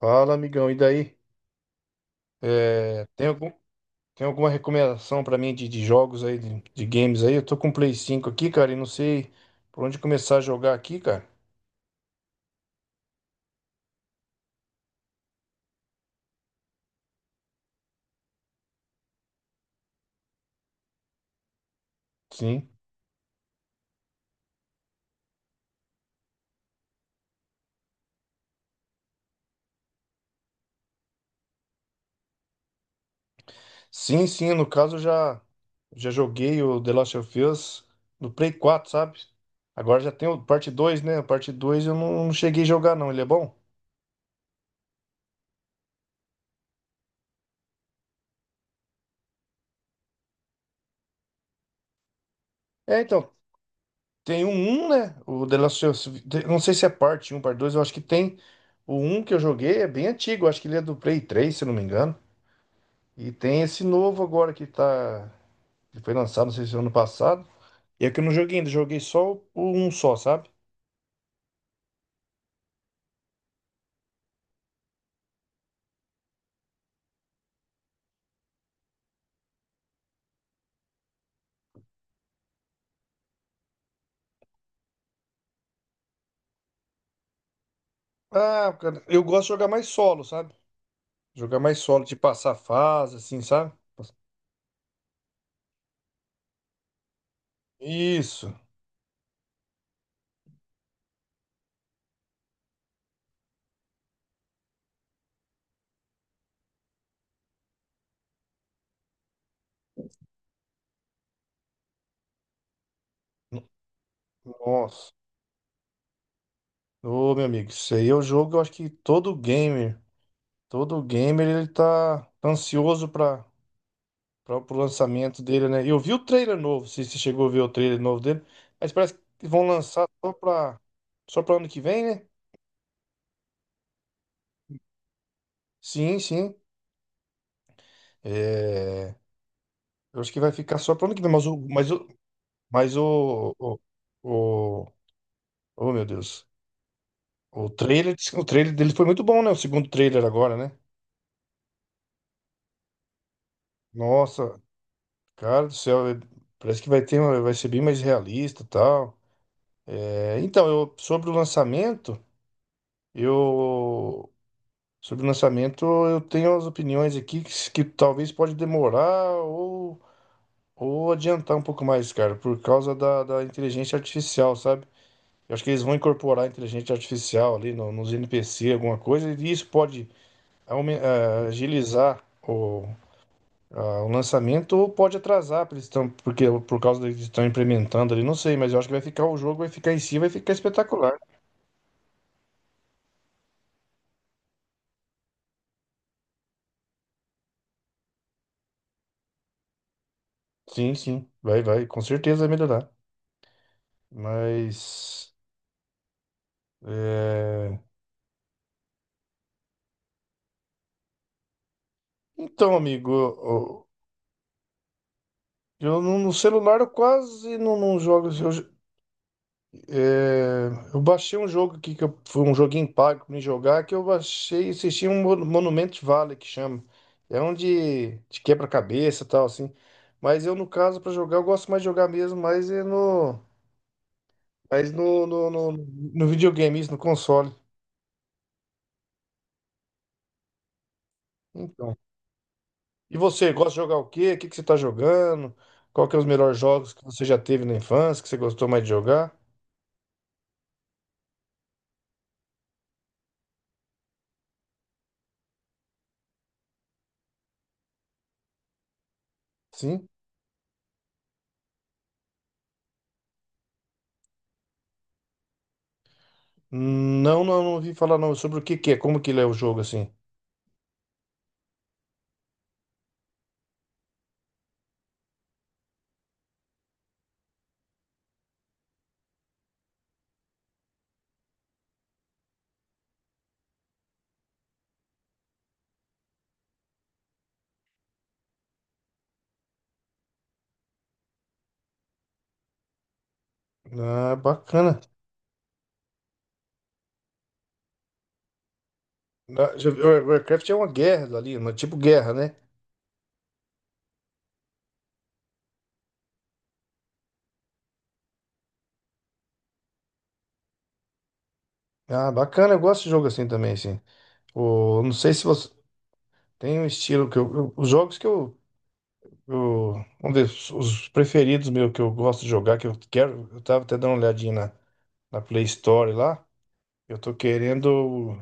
Fala, amigão, e daí? É, tem alguma recomendação pra mim de jogos aí, de games aí? Eu tô com o Play 5 aqui, cara, e não sei por onde começar a jogar aqui, cara. Sim. Sim, sim, no caso eu já joguei o The Last of Us no Play 4, sabe? Agora já tem o parte dois, né? A parte 2 eu não cheguei a jogar não. Ele é bom? É, então, tem um 1, né? O The Last of Us, não sei se é parte um parte dois, eu acho que tem o um que eu joguei, é bem antigo, eu acho que ele é do Play 3, se eu não me engano. E tem esse novo agora que tá. Que foi lançado, não sei se é ano passado. E é que eu não joguei ainda, joguei só um só, sabe? Ah, cara, eu gosto de jogar mais solo, sabe? Jogar mais solo, de passar fase, assim, sabe? Isso. Nossa. Ô, meu amigo, isso aí é o jogo, eu acho que todo gamer, ele tá ansioso pro lançamento dele, né? Eu vi o trailer novo, se você chegou a ver o trailer novo dele, mas parece que vão lançar só pra ano que vem, né? Sim, sim. É, eu acho que vai ficar só para ano que vem, mas o, o, o- oh, meu Deus, o trailer dele foi muito bom, né? O segundo trailer agora, né? Nossa, cara do céu, parece que vai ter, vai ser bem mais realista, e tal. É, então, eu sobre o lançamento eu tenho as opiniões aqui que, que talvez pode demorar ou adiantar um pouco mais, cara, por causa da inteligência artificial, sabe? Eu acho que eles vão incorporar a inteligência artificial ali nos NPC, alguma coisa, e isso pode agilizar o lançamento ou pode atrasar, porque, eles estão, porque por causa deles estão implementando ali, não sei, mas eu acho que vai ficar o jogo, vai ficar em si, vai ficar espetacular. Sim, sim, vai, com certeza vai melhorar. Mas. É. Então, amigo, eu no celular eu quase não jogo. Eu. É, eu baixei um jogo aqui foi um joguinho pago pra me jogar que eu baixei e assisti um Monument Valley, que chama. É um de quebra-cabeça e tal, assim. Mas eu, no caso, pra jogar eu gosto mais de jogar mesmo, mas é no, no videogame, isso no console. Então. E você gosta de jogar o quê? O que que você tá jogando? Qual que é os melhores jogos que você já teve na infância, que você gostou mais de jogar? Sim? Não, não ouvi falar não, sobre o que que é, como que ele é o jogo, assim. Ah, bacana. Warcraft é uma guerra ali, uma tipo guerra, né? Ah, bacana, eu gosto de jogo assim também, assim. O, não sei se você tem um estilo que os jogos que eu- vamos ver, os preferidos meu que eu gosto de jogar, que eu quero, eu tava até dando uma olhadinha na Play Store lá. Eu tô querendo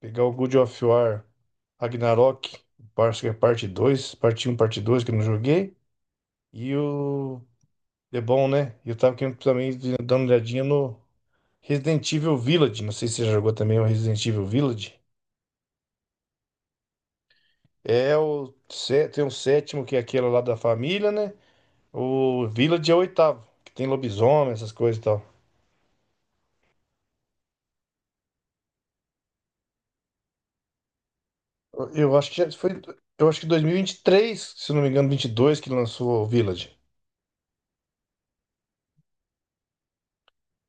pegar o God of War Ragnarok, parte, é parte 2, parte 2 que eu não joguei, e o The Bom, né? E eu tava querendo também dando uma olhadinha no Resident Evil Village, não sei se você já jogou também o Resident Evil Village. É o tem o sétimo, que é aquele lá da família, né? O Village é o oitavo, que tem lobisomem, essas coisas e tal. Eu acho que já foi, eu acho que 2023, se eu não me engano, 22, que lançou o Village.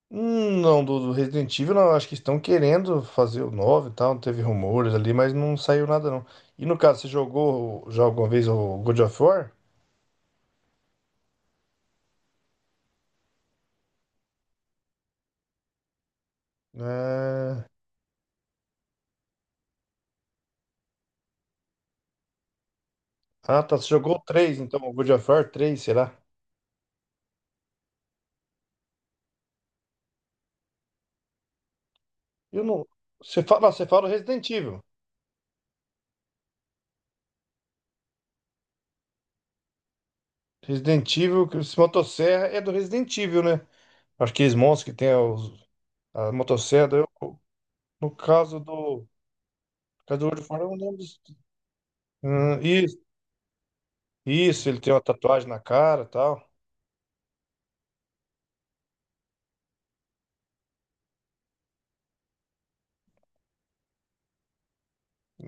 Não, do Resident Evil, não, acho que estão querendo fazer o 9 e tal, teve rumores ali, mas não saiu nada não. E, no caso, você jogou já alguma vez o God of War? É. Ah, tá, você jogou o 3, então, o God of War 3, será? Eu não. Você fala do Resident Evil. Resident Evil, que esse motosserra é do Resident Evil, né? Acho que eles monstros que tem os, a motosserra. No caso do. No caso do World of, eu não lembro disso. Isso, isso, ele tem uma tatuagem na cara e tal.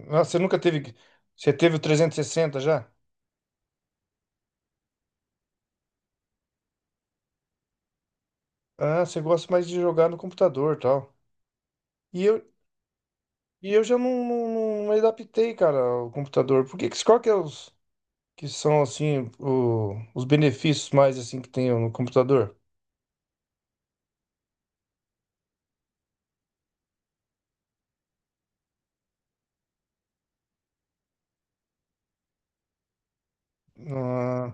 Ah, você nunca teve. Você teve o 360 já? Ah, você gosta mais de jogar no computador e tal. E eu, e eu já não adaptei, cara, o computador. Por que, qual que é os, que são assim os benefícios mais, assim, que tem no computador. Ah,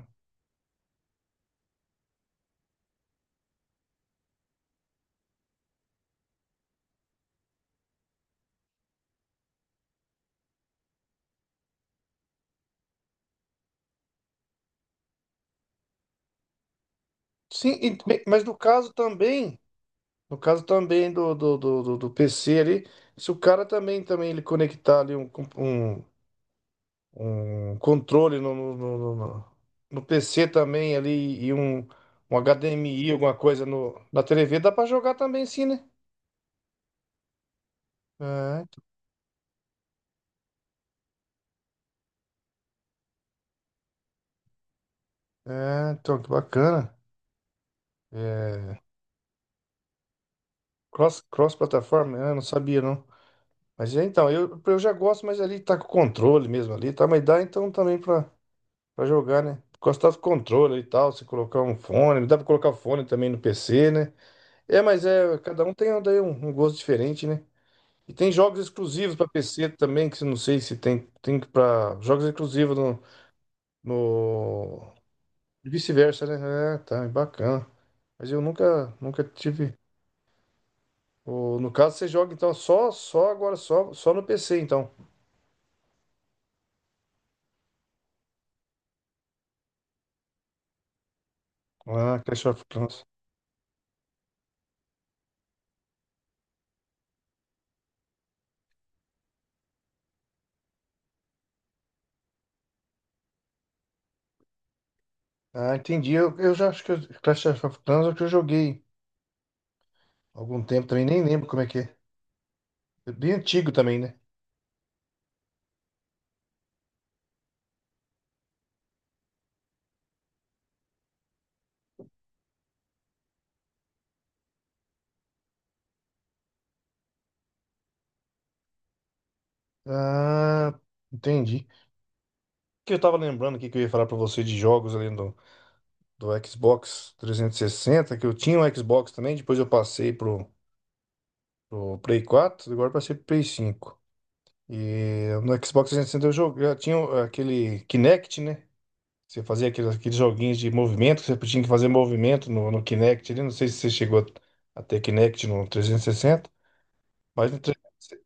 sim, mas no caso também, no caso também do PC ali, se o cara também ele conectar ali um, um controle no PC também ali e um HDMI, alguma coisa no, na TV, dá para jogar também, sim, né? É, é, então que bacana. É, cross plataforma, eu não sabia não. Mas é, então, eu já gosto, mas ali tá com controle mesmo ali, tá? Mas dá então também pra jogar, né? Gostar do controle e tal, se colocar um fone, dá pra colocar fone também no PC, né? É, mas é, cada um tem um, daí um, gosto diferente, né? E tem jogos exclusivos pra PC também, que eu não sei se tem, para jogos exclusivos no e vice-versa, né? É, tá, é bacana. Mas eu nunca, nunca tive. No caso, você joga então só, só agora, só no PC, então. Ah, Clash of Clans. Ah, entendi. Eu já acho que Clash of Clans é o que eu joguei há algum tempo também, nem lembro como é que é. É bem antigo também, né? Ah, entendi. O que eu tava lembrando aqui que eu ia falar pra você de jogos ali do Xbox 360, que eu tinha um Xbox também, depois eu passei pro Play 4, agora eu passei pro Play 5. E no Xbox 360 eu joguei, eu tinha aquele Kinect, né? Você fazia aqueles joguinhos de movimento, que você tinha que fazer movimento no Kinect ali. Não sei se você chegou a ter Kinect no 360, mas no 360.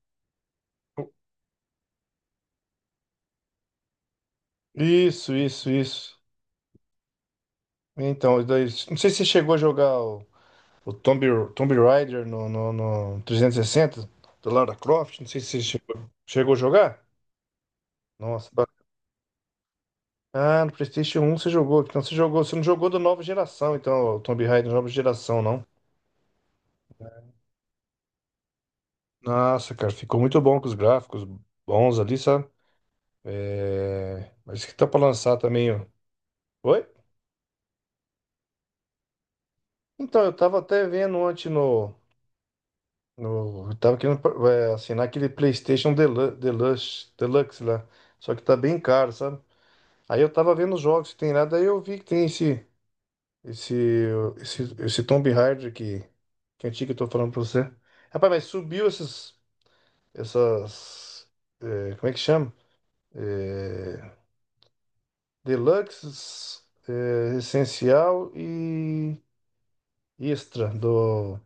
Isso, isso, isso. Então, não sei se você chegou a jogar o Tomb Raider no 360, do Lara Croft. Não sei se você chegou a jogar. Nossa, no PlayStation 1 você jogou. Então você jogou, você não jogou da nova geração, então, o Tomb Raider da nova geração, não. Nossa, cara, ficou muito bom, com os gráficos bons ali, sabe? É, mas que tá pra lançar também, ó. Oi? Então, eu tava até vendo ontem no. No, eu tava querendo é, assinar aquele PlayStation Deluxe lá. Só que tá bem caro, sabe? Aí eu tava vendo os jogos que tem lá, daí eu vi que tem esse. Esse. Esse Tomb Raider que. Que é antigo, eu tô falando pra você. Rapaz, mas subiu esses. Essas. É, como é que chama? É, Deluxe, é, Essencial e. Extra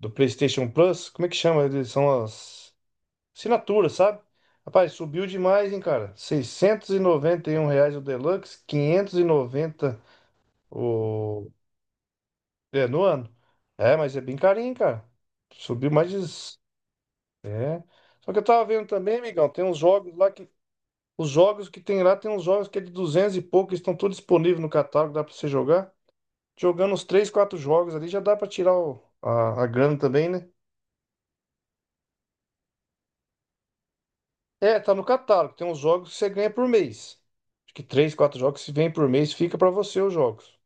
do PlayStation Plus. Como é que chama? Eles são as assinaturas, sabe? Rapaz, subiu demais, hein, cara? R$ 691 o Deluxe, 590 o... É, no ano. É, mas é bem carinho, cara. Subiu mais de... É. Só que eu tava vendo também, amigão, tem uns jogos lá que... Os jogos que tem lá, tem uns jogos que é de 200 e pouco, estão todos disponíveis no catálogo, dá pra você jogar. Jogando uns 3, 4 jogos ali, já dá pra tirar a grana também, né? É, tá no catálogo. Tem uns jogos que você ganha por mês. Acho que três, quatro jogos que vem por mês, fica pra você os jogos,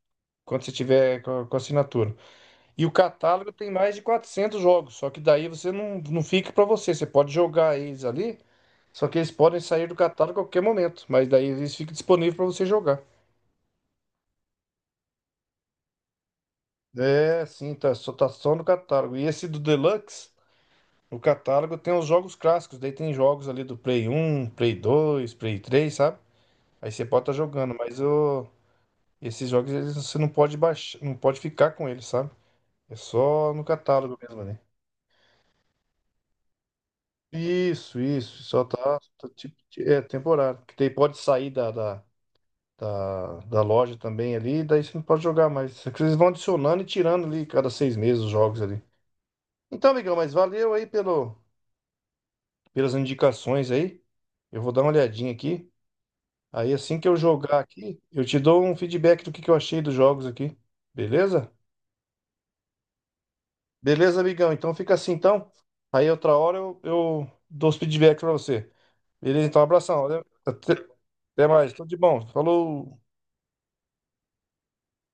quando você tiver com com a assinatura. E o catálogo tem mais de 400 jogos. Só que daí você não fica pra você. Você pode jogar eles ali. Só que eles podem sair do catálogo a qualquer momento. Mas daí eles ficam disponíveis pra você jogar. É, sim, tá só no catálogo. E esse do Deluxe, o catálogo tem os jogos clássicos. Daí tem jogos ali do Play 1, Play 2, Play 3, sabe? Aí você pode estar jogando, mas o. Esses jogos eles, você não pode baixar, não pode ficar com eles, sabe? É só no catálogo mesmo, né. Isso, isso. Só tá, tipo, é temporário. Porque daí pode sair da loja também ali, daí você não pode jogar mais. É que eles vão adicionando e tirando ali cada 6 meses os jogos ali. Então, amigão, mas valeu aí pelas indicações aí. Eu vou dar uma olhadinha aqui. Aí assim que eu jogar aqui, eu te dou um feedback do que eu achei dos jogos aqui. Beleza? Beleza, amigão? Então fica assim, então. Aí outra hora eu dou os feedbacks pra você. Beleza? Então, abração. Valeu? Até mais. Tudo de bom. Falou.